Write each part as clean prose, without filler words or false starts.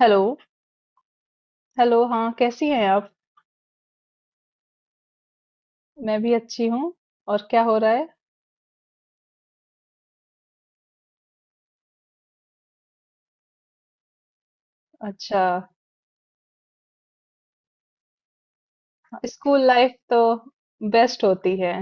Hello. Hello, हाँ कैसी हैं आप? मैं भी अच्छी हूँ। और क्या हो रहा है? अच्छा। स्कूल लाइफ तो बेस्ट होती है।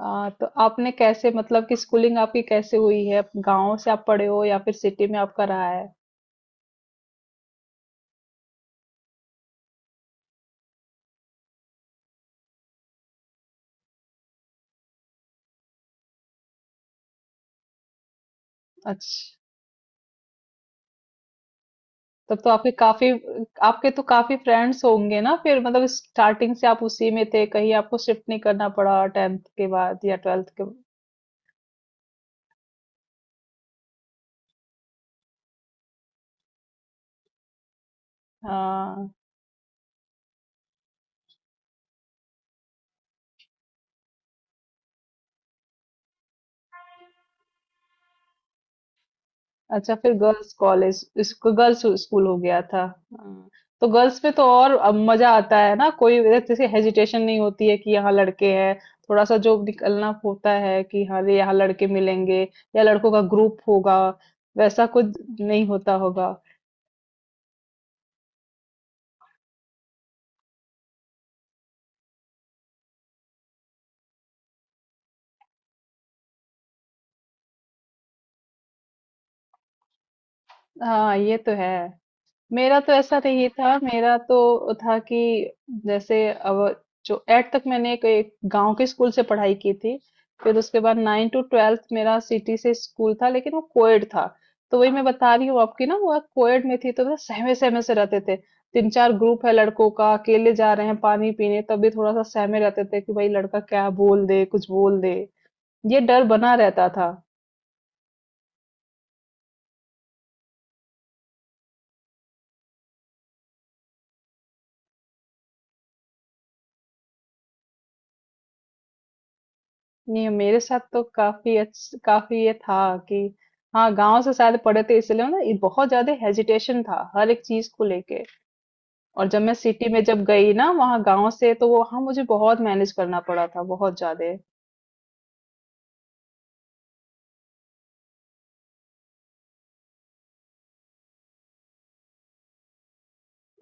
हाँ तो आपने कैसे, मतलब कि स्कूलिंग आपकी कैसे हुई है? गांव से आप पढ़े हो या फिर सिटी में आपका रहा है? अच्छा। तब तो आपके काफी, आपके तो काफी फ्रेंड्स होंगे ना। फिर मतलब स्टार्टिंग से आप उसी में थे, कहीं आपको शिफ्ट नहीं करना पड़ा टेंथ के बाद या ट्वेल्थ के? हाँ। अच्छा, फिर गर्ल्स कॉलेज, इसको गर्ल्स स्कूल हो गया था। हाँ। तो गर्ल्स में तो और अब मजा आता है ना, कोई जैसे हेजिटेशन नहीं होती है कि यहाँ लड़के हैं। थोड़ा सा जो निकलना होता है कि हाँ ये यहाँ लड़के मिलेंगे या लड़कों का ग्रुप होगा, वैसा कुछ नहीं होता होगा। हाँ ये तो है। मेरा तो ऐसा नहीं था। मेरा तो था कि जैसे अब जो एट तक मैंने एक गांव के स्कूल से पढ़ाई की थी, फिर उसके बाद नाइन टू ट्वेल्थ मेरा सिटी से स्कूल था, लेकिन वो कोएड था। तो वही मैं बता रही हूँ आपकी ना, वो कोएड में थी तो ना सहमे सहमे से रहते थे। तीन चार ग्रुप है लड़कों का, अकेले जा रहे हैं पानी पीने तब भी थोड़ा सा सहमे रहते थे कि भाई लड़का क्या बोल दे, कुछ बोल दे। ये डर बना रहता था। नहीं मेरे साथ तो काफी ये था कि हाँ, गांव से शायद पढ़े थे इसलिए ना, ये बहुत ज्यादा हेजिटेशन था हर एक चीज को लेके। और जब मैं सिटी में जब गई ना वहाँ गांव से, तो वो वहाँ मुझे बहुत मैनेज करना पड़ा था, बहुत ज्यादा।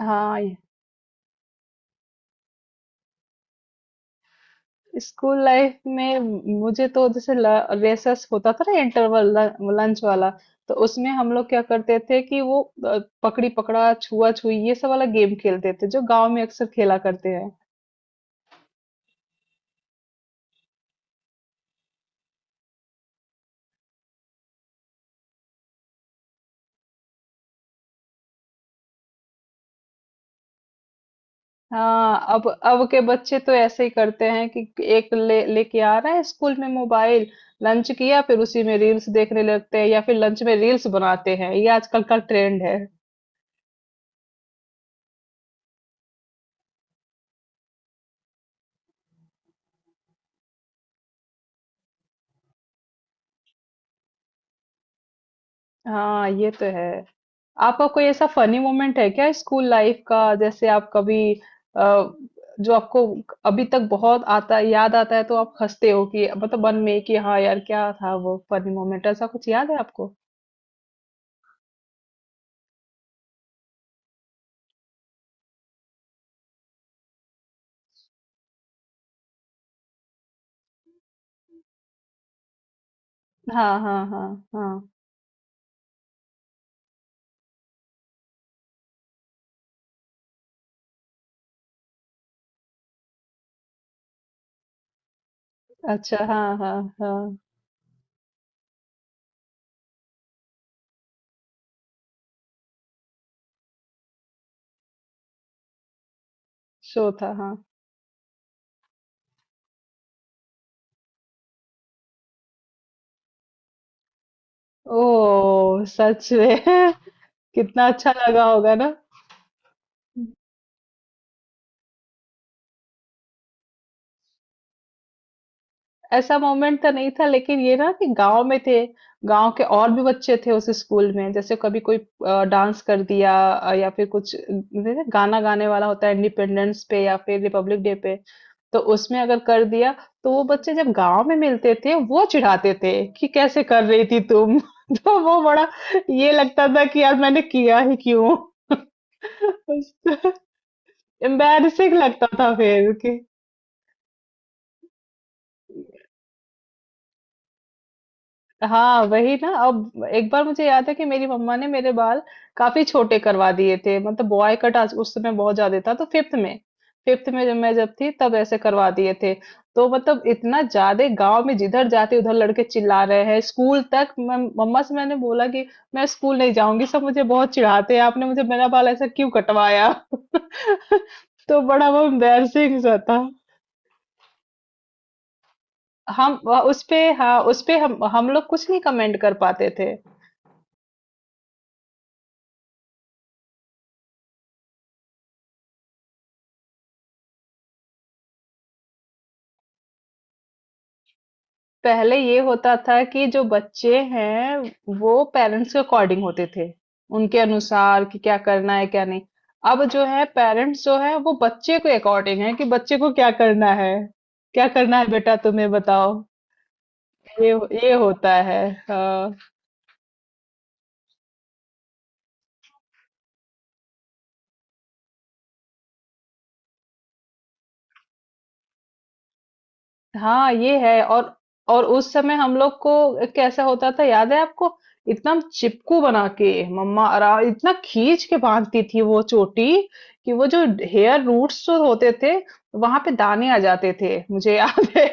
हाँ। स्कूल लाइफ में मुझे तो जैसे रेसेस होता था ना, इंटरवल, लंच वाला, तो उसमें हम लोग क्या करते थे कि वो पकड़ी पकड़ा, छुआ छुई, ये सब वाला गेम खेलते थे जो गांव में अक्सर खेला करते हैं। हाँ, अब के बच्चे तो ऐसे ही करते हैं कि एक ले लेके आ रहा है स्कूल में मोबाइल, लंच किया फिर उसी में रील्स देखने लगते हैं या फिर लंच में रील्स बनाते हैं, ये आजकल का ट्रेंड है। हाँ ये तो है। आपका कोई ऐसा फनी मोमेंट है क्या स्कूल लाइफ का? जैसे आप कभी जो आपको अभी तक बहुत आता, याद आता है तो आप हंसते हो कि मतलब मन में कि हाँ यार क्या था वो फनी मोमेंट, ऐसा कुछ याद है आपको? हाँ, हाँ, हाँ। हाँ। अच्छा, हाँ, हाँ। हाँ। शो था, हाँ। ओह सच में। कितना अच्छा लगा होगा ना। ऐसा मोमेंट तो नहीं था, लेकिन ये ना कि गांव में थे, गांव के और भी बच्चे थे उस स्कूल में। जैसे कभी कोई डांस कर दिया या फिर कुछ जैसे गाना गाने वाला होता है इंडिपेंडेंस पे या फिर रिपब्लिक डे पे, तो उसमें अगर कर दिया, तो वो बच्चे जब गांव में मिलते थे वो चिढ़ाते थे कि कैसे कर रही थी तुम। तो वो बड़ा ये लगता था कि यार मैंने किया ही क्यों। उस- एम्बैरसिंग लगता था फिर कि हाँ वही ना। अब एक बार मुझे याद है कि मेरी मम्मा ने मेरे बाल काफी छोटे करवा दिए थे, मतलब बॉय कट आज, उस समय बहुत ज्यादा था, तो फिफ्थ में, फिफ्थ में जब मैं जब थी तब ऐसे करवा दिए थे। तो मतलब इतना ज्यादा, गांव में जिधर जाते उधर लड़के चिल्ला रहे हैं। स्कूल तक मैं मम्मा से मैंने बोला कि मैं स्कूल नहीं जाऊंगी, सब मुझे बहुत चिढ़ाते हैं, आपने मुझे मेरा बाल ऐसा क्यों कटवाया। तो बड़ा वो एम्बैरसिंग सा था। हम उस पे, हाँ उस पे हम लोग कुछ नहीं कमेंट कर पाते थे। पहले ये होता था कि जो बच्चे हैं वो पेरेंट्स के अकॉर्डिंग होते थे, उनके अनुसार कि क्या करना है क्या नहीं। अब जो है पेरेंट्स जो है वो बच्चे के अकॉर्डिंग है कि बच्चे को क्या करना है, क्या करना है बेटा तुम्हें बताओ। ये ये होता है। हाँ। हाँ ये है। और उस समय हम लोग को कैसा होता था याद है आपको? इतना चिपकू बना के मम्मा आरा इतना खींच के बांधती थी वो चोटी कि वो जो हेयर रूट्स जो होते थे, वहां पे दाने आ जाते थे, मुझे याद है।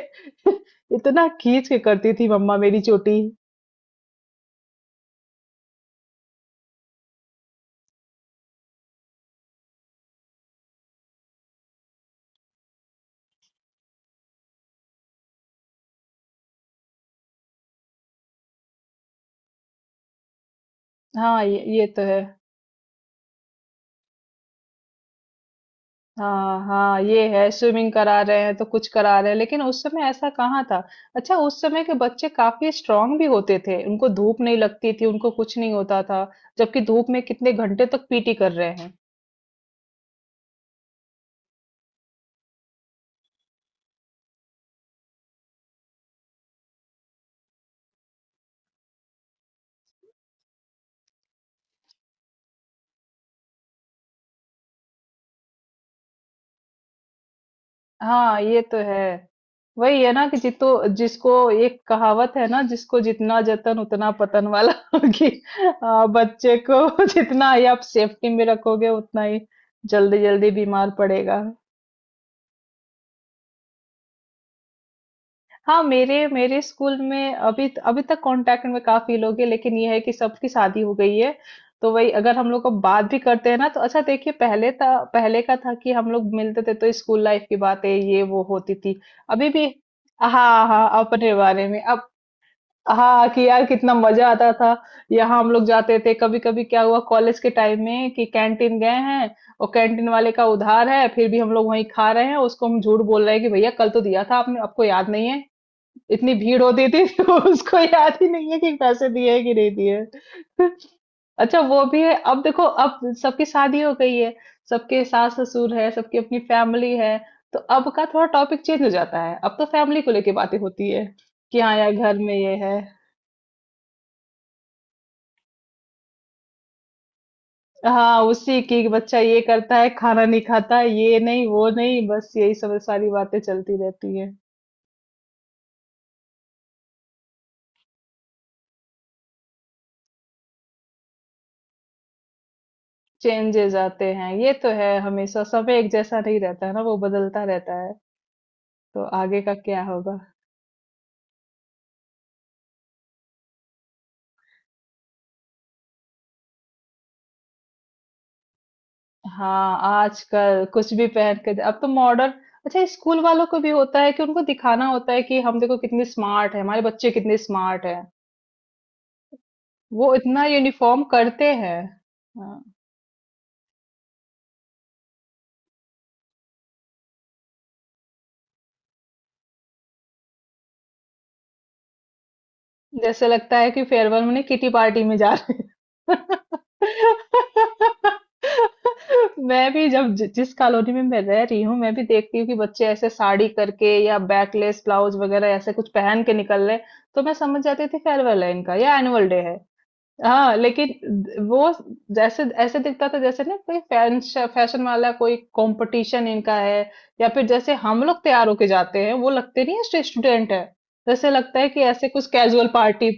इतना खींच के करती थी मम्मा मेरी चोटी। ये तो है। हाँ, हाँ ये है। स्विमिंग करा रहे हैं तो कुछ करा रहे हैं, लेकिन उस समय ऐसा कहाँ था। अच्छा, उस समय के बच्चे काफी स्ट्रांग भी होते थे, उनको धूप नहीं लगती थी, उनको कुछ नहीं होता था। जबकि धूप में कितने घंटे तक पीटी कर रहे हैं। हाँ ये तो है। वही है ना कि जितो जिसको, एक कहावत है ना, जिसको जितना जतन उतना पतन वाला। कि बच्चे को जितना ही आप सेफ्टी में रखोगे उतना ही जल्दी जल्दी बीमार पड़ेगा। हाँ मेरे मेरे स्कूल में अभी, अभी तक कांटेक्ट में काफी लोग हैं, लेकिन ये है कि सबकी शादी हो गई है। तो वही अगर हम लोग को बात भी करते हैं ना तो, अच्छा देखिए पहले था, पहले का था कि हम लोग मिलते थे तो स्कूल लाइफ की बातें ये वो होती थी। अभी भी, हाँ, हाँ अपने बारे में अब, हाँ कि यार कितना मजा आता था, यहाँ हम लोग जाते थे। कभी कभी क्या हुआ कॉलेज के टाइम में कि कैंटीन गए हैं और कैंटीन वाले का उधार है, फिर भी हम लोग वहीं खा रहे हैं। उसको हम झूठ बोल रहे हैं कि भैया कल तो दिया था आपने, आपको याद नहीं है, इतनी भीड़ होती थी। तो उसको याद ही नहीं है कि पैसे दिए हैं कि नहीं दिए हैं। अच्छा वो भी है, अब देखो अब सबकी शादी हो गई है, सबके सास ससुर है, सबकी अपनी फैमिली है। तो अब का थोड़ा टॉपिक चेंज हो जाता है, अब तो फैमिली को लेके बातें होती है कि हाँ यार घर में ये है। हाँ उसी की, बच्चा ये करता है, खाना नहीं खाता है, ये नहीं वो नहीं, बस यही सब सारी बातें चलती रहती है। चेंजेस आते हैं, ये तो है, हमेशा समय एक जैसा नहीं रहता है ना, वो बदलता रहता है। तो आगे का क्या होगा। हाँ आजकल कुछ भी अब तो मॉडर्न। अच्छा, स्कूल वालों को भी होता है कि उनको दिखाना होता है कि हम देखो कितने स्मार्ट है, हमारे बच्चे कितने स्मार्ट है, वो इतना यूनिफॉर्म करते हैं। हाँ। जैसे लगता है कि फेयरवेल में किटी पार्टी में जा रहे हैं। मैं भी जब जिस कॉलोनी में मैं रह रही हूँ मैं भी देखती हूँ कि बच्चे ऐसे साड़ी करके या बैकलेस ब्लाउज वगैरह ऐसे कुछ पहन के निकल रहे हैं, तो मैं समझ जाती थी फेयरवेल है इनका या एनुअल डे है। हाँ लेकिन वो जैसे ऐसे दिखता था जैसे ना कोई फैशन फैशन वाला कोई कंपटीशन इनका है, या फिर जैसे हम लोग तैयार होके जाते हैं वो लगते नहीं है स्टूडेंट है, जैसे लगता है कि ऐसे कुछ कैजुअल पार्टी,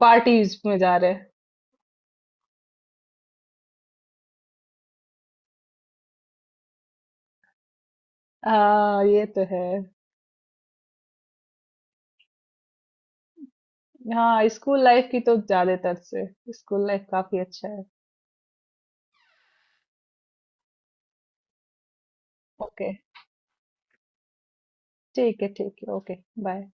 पार्टीज में जा रहे हैं। हाँ ये तो है। हाँ स्कूल लाइफ की तो ज्यादातर से, स्कूल लाइफ काफी अच्छा है। ओके, ठीक है ओके, बाय।